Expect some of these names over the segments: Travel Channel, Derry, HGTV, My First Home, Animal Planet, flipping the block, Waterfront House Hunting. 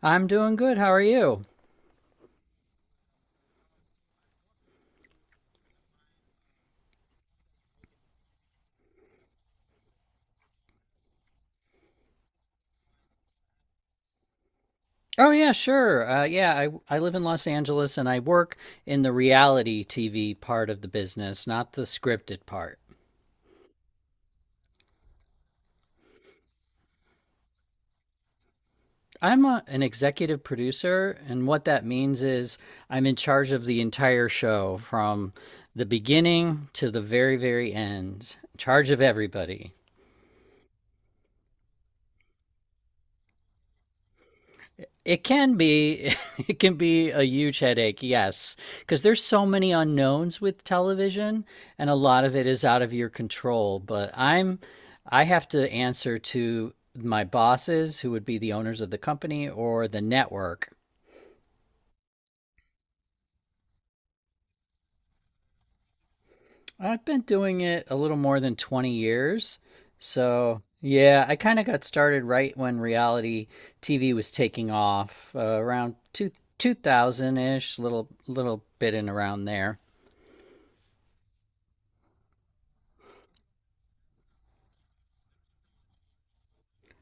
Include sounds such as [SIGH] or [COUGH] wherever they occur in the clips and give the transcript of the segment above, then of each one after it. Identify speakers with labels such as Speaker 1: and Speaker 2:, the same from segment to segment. Speaker 1: I'm doing good. How are you? Oh, yeah, sure. Yeah, I live in Los Angeles and I work in the reality TV part of the business, not the scripted part. I'm an executive producer, and what that means is I'm in charge of the entire show from the beginning to the very, very end, in charge of everybody. It can be [LAUGHS] it can be a huge headache, yes, because there's so many unknowns with television and a lot of it is out of your control, but I have to answer to my bosses who would be the owners of the company or the network. I've been doing it a little more than 20 years. So, yeah, I kind of got started right when reality TV was taking off, around 2000-ish, little bit in around there.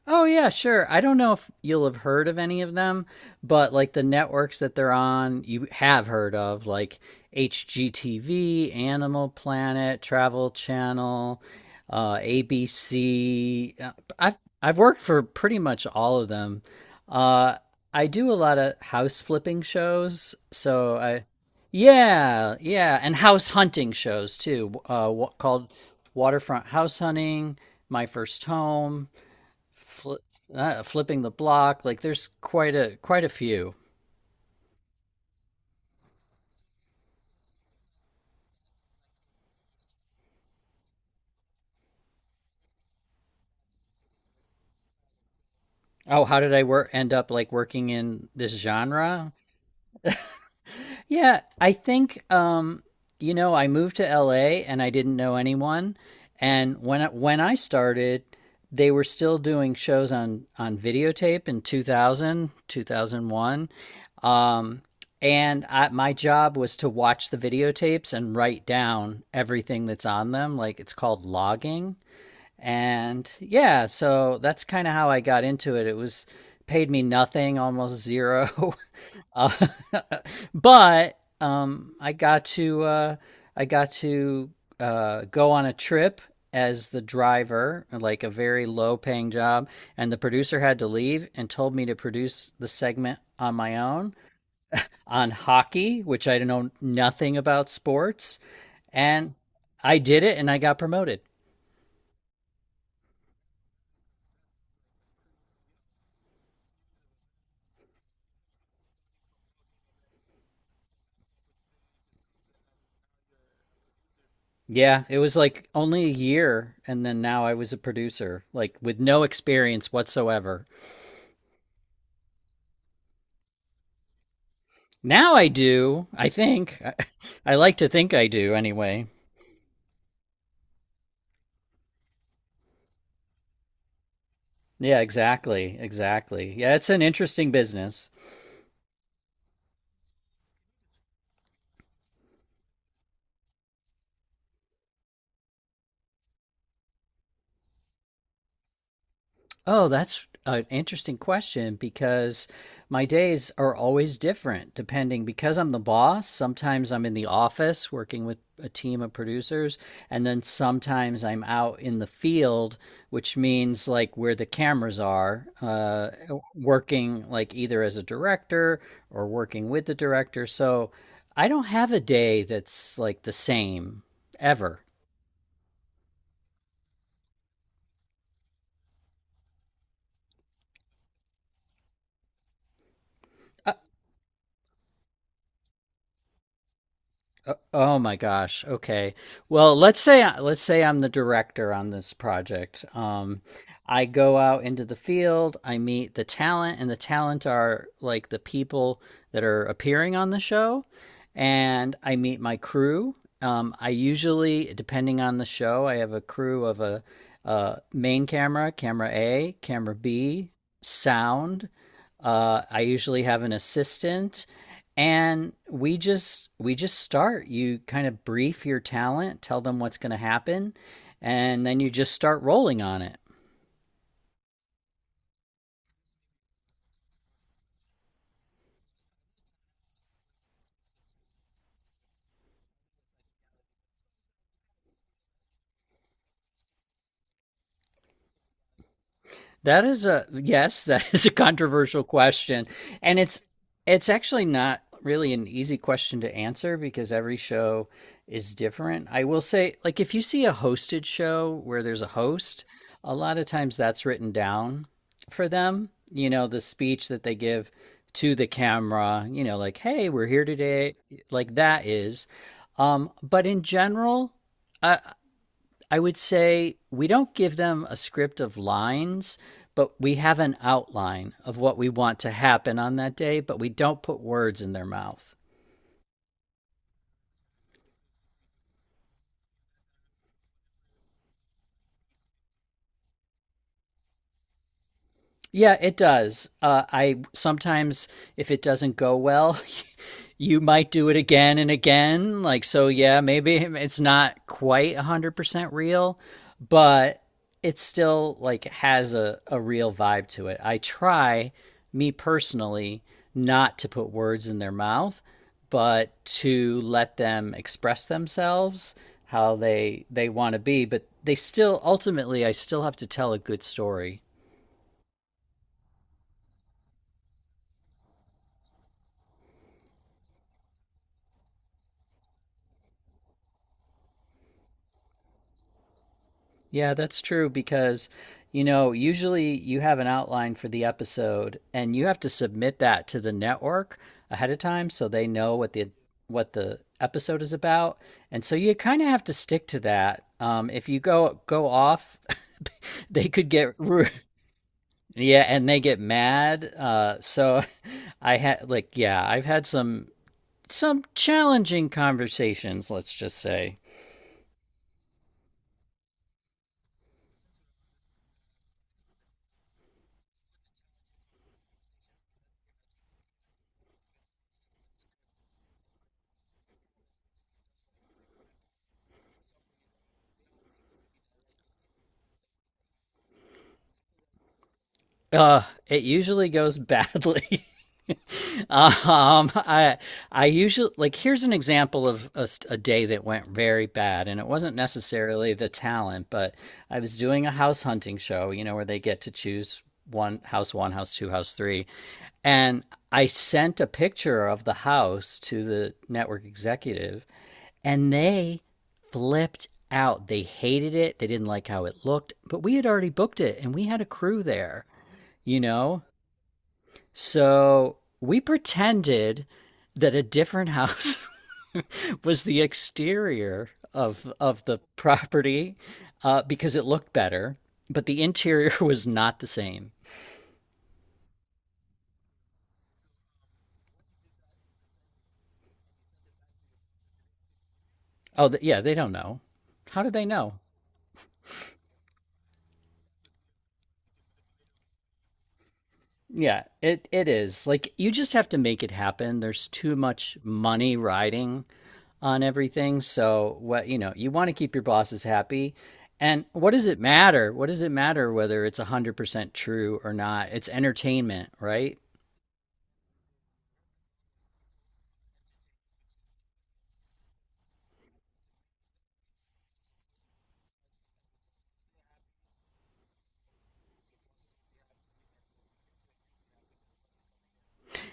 Speaker 1: Oh, yeah, sure. I don't know if you'll have heard of any of them, but like the networks that they're on, you have heard of like HGTV, Animal Planet, Travel Channel, ABC. I've I've worked for pretty much all of them. Uh, I do a lot of house flipping shows, so I yeah, yeah, and house hunting shows too, called Waterfront House Hunting, My First Home fli flipping the block. Like there's quite a few. Oh, how did I work end up like working in this genre? Yeah, I think you know I moved to LA and I didn't know anyone, and when I started, they were still doing shows on videotape in 2001. Um, my job was to watch the videotapes and write down everything that's on them. Like it's called logging. And yeah, so that's kind of how I got into it. It was Paid me nothing, almost zero. [LAUGHS] uh, [LAUGHS] but I got to I got to go on a trip as the driver, like a very low paying job, and the producer had to leave and told me to produce the segment on my own on hockey, which I know nothing about sports, and I did it and I got promoted. Yeah, it was like only a year, and then now I was a producer, like with no experience whatsoever. Now I do, I think. [LAUGHS] I like to think I do anyway. Yeah, exactly. Exactly. Yeah, it's an interesting business. Oh, that's an interesting question because my days are always different depending because I'm the boss. Sometimes I'm in the office working with a team of producers, and then sometimes I'm out in the field, which means like where the cameras are, working like either as a director or working with the director. So I don't have a day that's like the same ever. Oh my gosh. Okay. Well, let's say I'm the director on this project. I go out into the field, I meet the talent, and the talent are like the people that are appearing on the show, and I meet my crew. I usually, depending on the show, I have a crew of a main camera, camera A, camera B, sound. I usually have an assistant, and we just start. You kind of brief your talent, tell them what's going to happen, and then you just start rolling on it. That is a yes, [LAUGHS] that is a controversial question. And it's actually not really an easy question to answer because every show is different. I will say like if you see a hosted show where there's a host, a lot of times that's written down for them, you know, the speech that they give to the camera, you know, like hey, we're here today, like that is but in general, I I would say we don't give them a script of lines, but we have an outline of what we want to happen on that day, but we don't put words in their mouth. Yeah, it does. I sometimes, if it doesn't go well, [LAUGHS] you might do it again and again. Like, so yeah, maybe it's not quite 100% real, but it still like has a real vibe to it. I try, me personally, not to put words in their mouth, but to let them express themselves how they want to be, but they still ultimately I still have to tell a good story. Yeah, that's true because, you know, usually you have an outline for the episode and you have to submit that to the network ahead of time so they know what the episode is about. And so you kind of have to stick to that. If you go off, [LAUGHS] they could get [LAUGHS] yeah, and they get mad. So [LAUGHS] I had like yeah, I've had some challenging conversations, let's just say. It usually goes badly. [LAUGHS] Um, I I usually, like here's an example of a day that went very bad, and it wasn't necessarily the talent, but I was doing a house hunting show, you know, where they get to choose one, house two, house three, and I sent a picture of the house to the network executive, and they flipped out. They hated it. They didn't like how it looked, but we had already booked it, and we had a crew there, you know. So we pretended that a different house [LAUGHS] was the exterior of the property because it looked better, but the interior [LAUGHS] was not the same. Oh, th yeah, they don't know. How do they know? Yeah, it is. Like you just have to make it happen. There's too much money riding on everything. So what you know, you want to keep your bosses happy. And what does it matter? What does it matter whether it's 100% true or not? It's entertainment, right?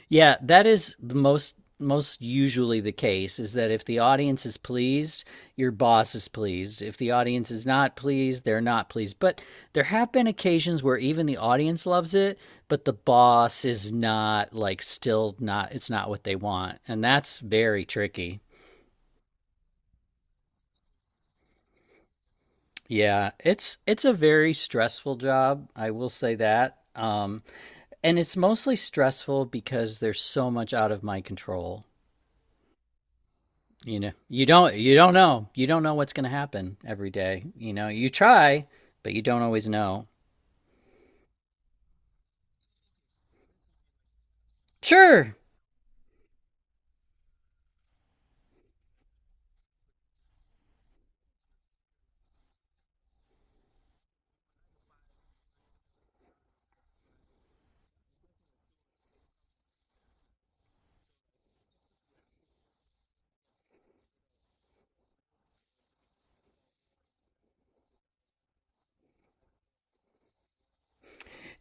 Speaker 1: Yeah, that is the most usually the case is that if the audience is pleased, your boss is pleased. If the audience is not pleased, they're not pleased. But there have been occasions where even the audience loves it, but the boss is not like still not it's not what they want. And that's very tricky. Yeah, it's a very stressful job, I will say that. And it's mostly stressful because there's so much out of my control. You know, you don't know. You don't know what's going to happen every day. You know, you try, but you don't always know. Sure.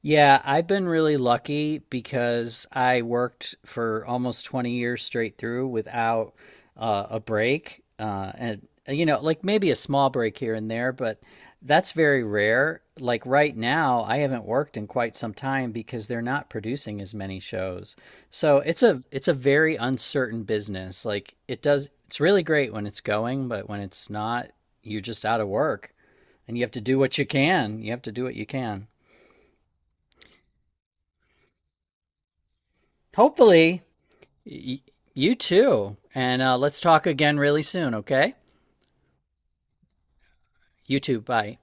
Speaker 1: Yeah, I've been really lucky because I worked for almost 20 years straight through without a break. And, like maybe a small break here and there, but that's very rare. Like right now, I haven't worked in quite some time because they're not producing as many shows. So it's a very uncertain business. Like it does, it's really great when it's going, but when it's not, you're just out of work and you have to do what you can. You have to do what you can. Hopefully, Y- you too. And let's talk again really soon, okay? You too. Bye.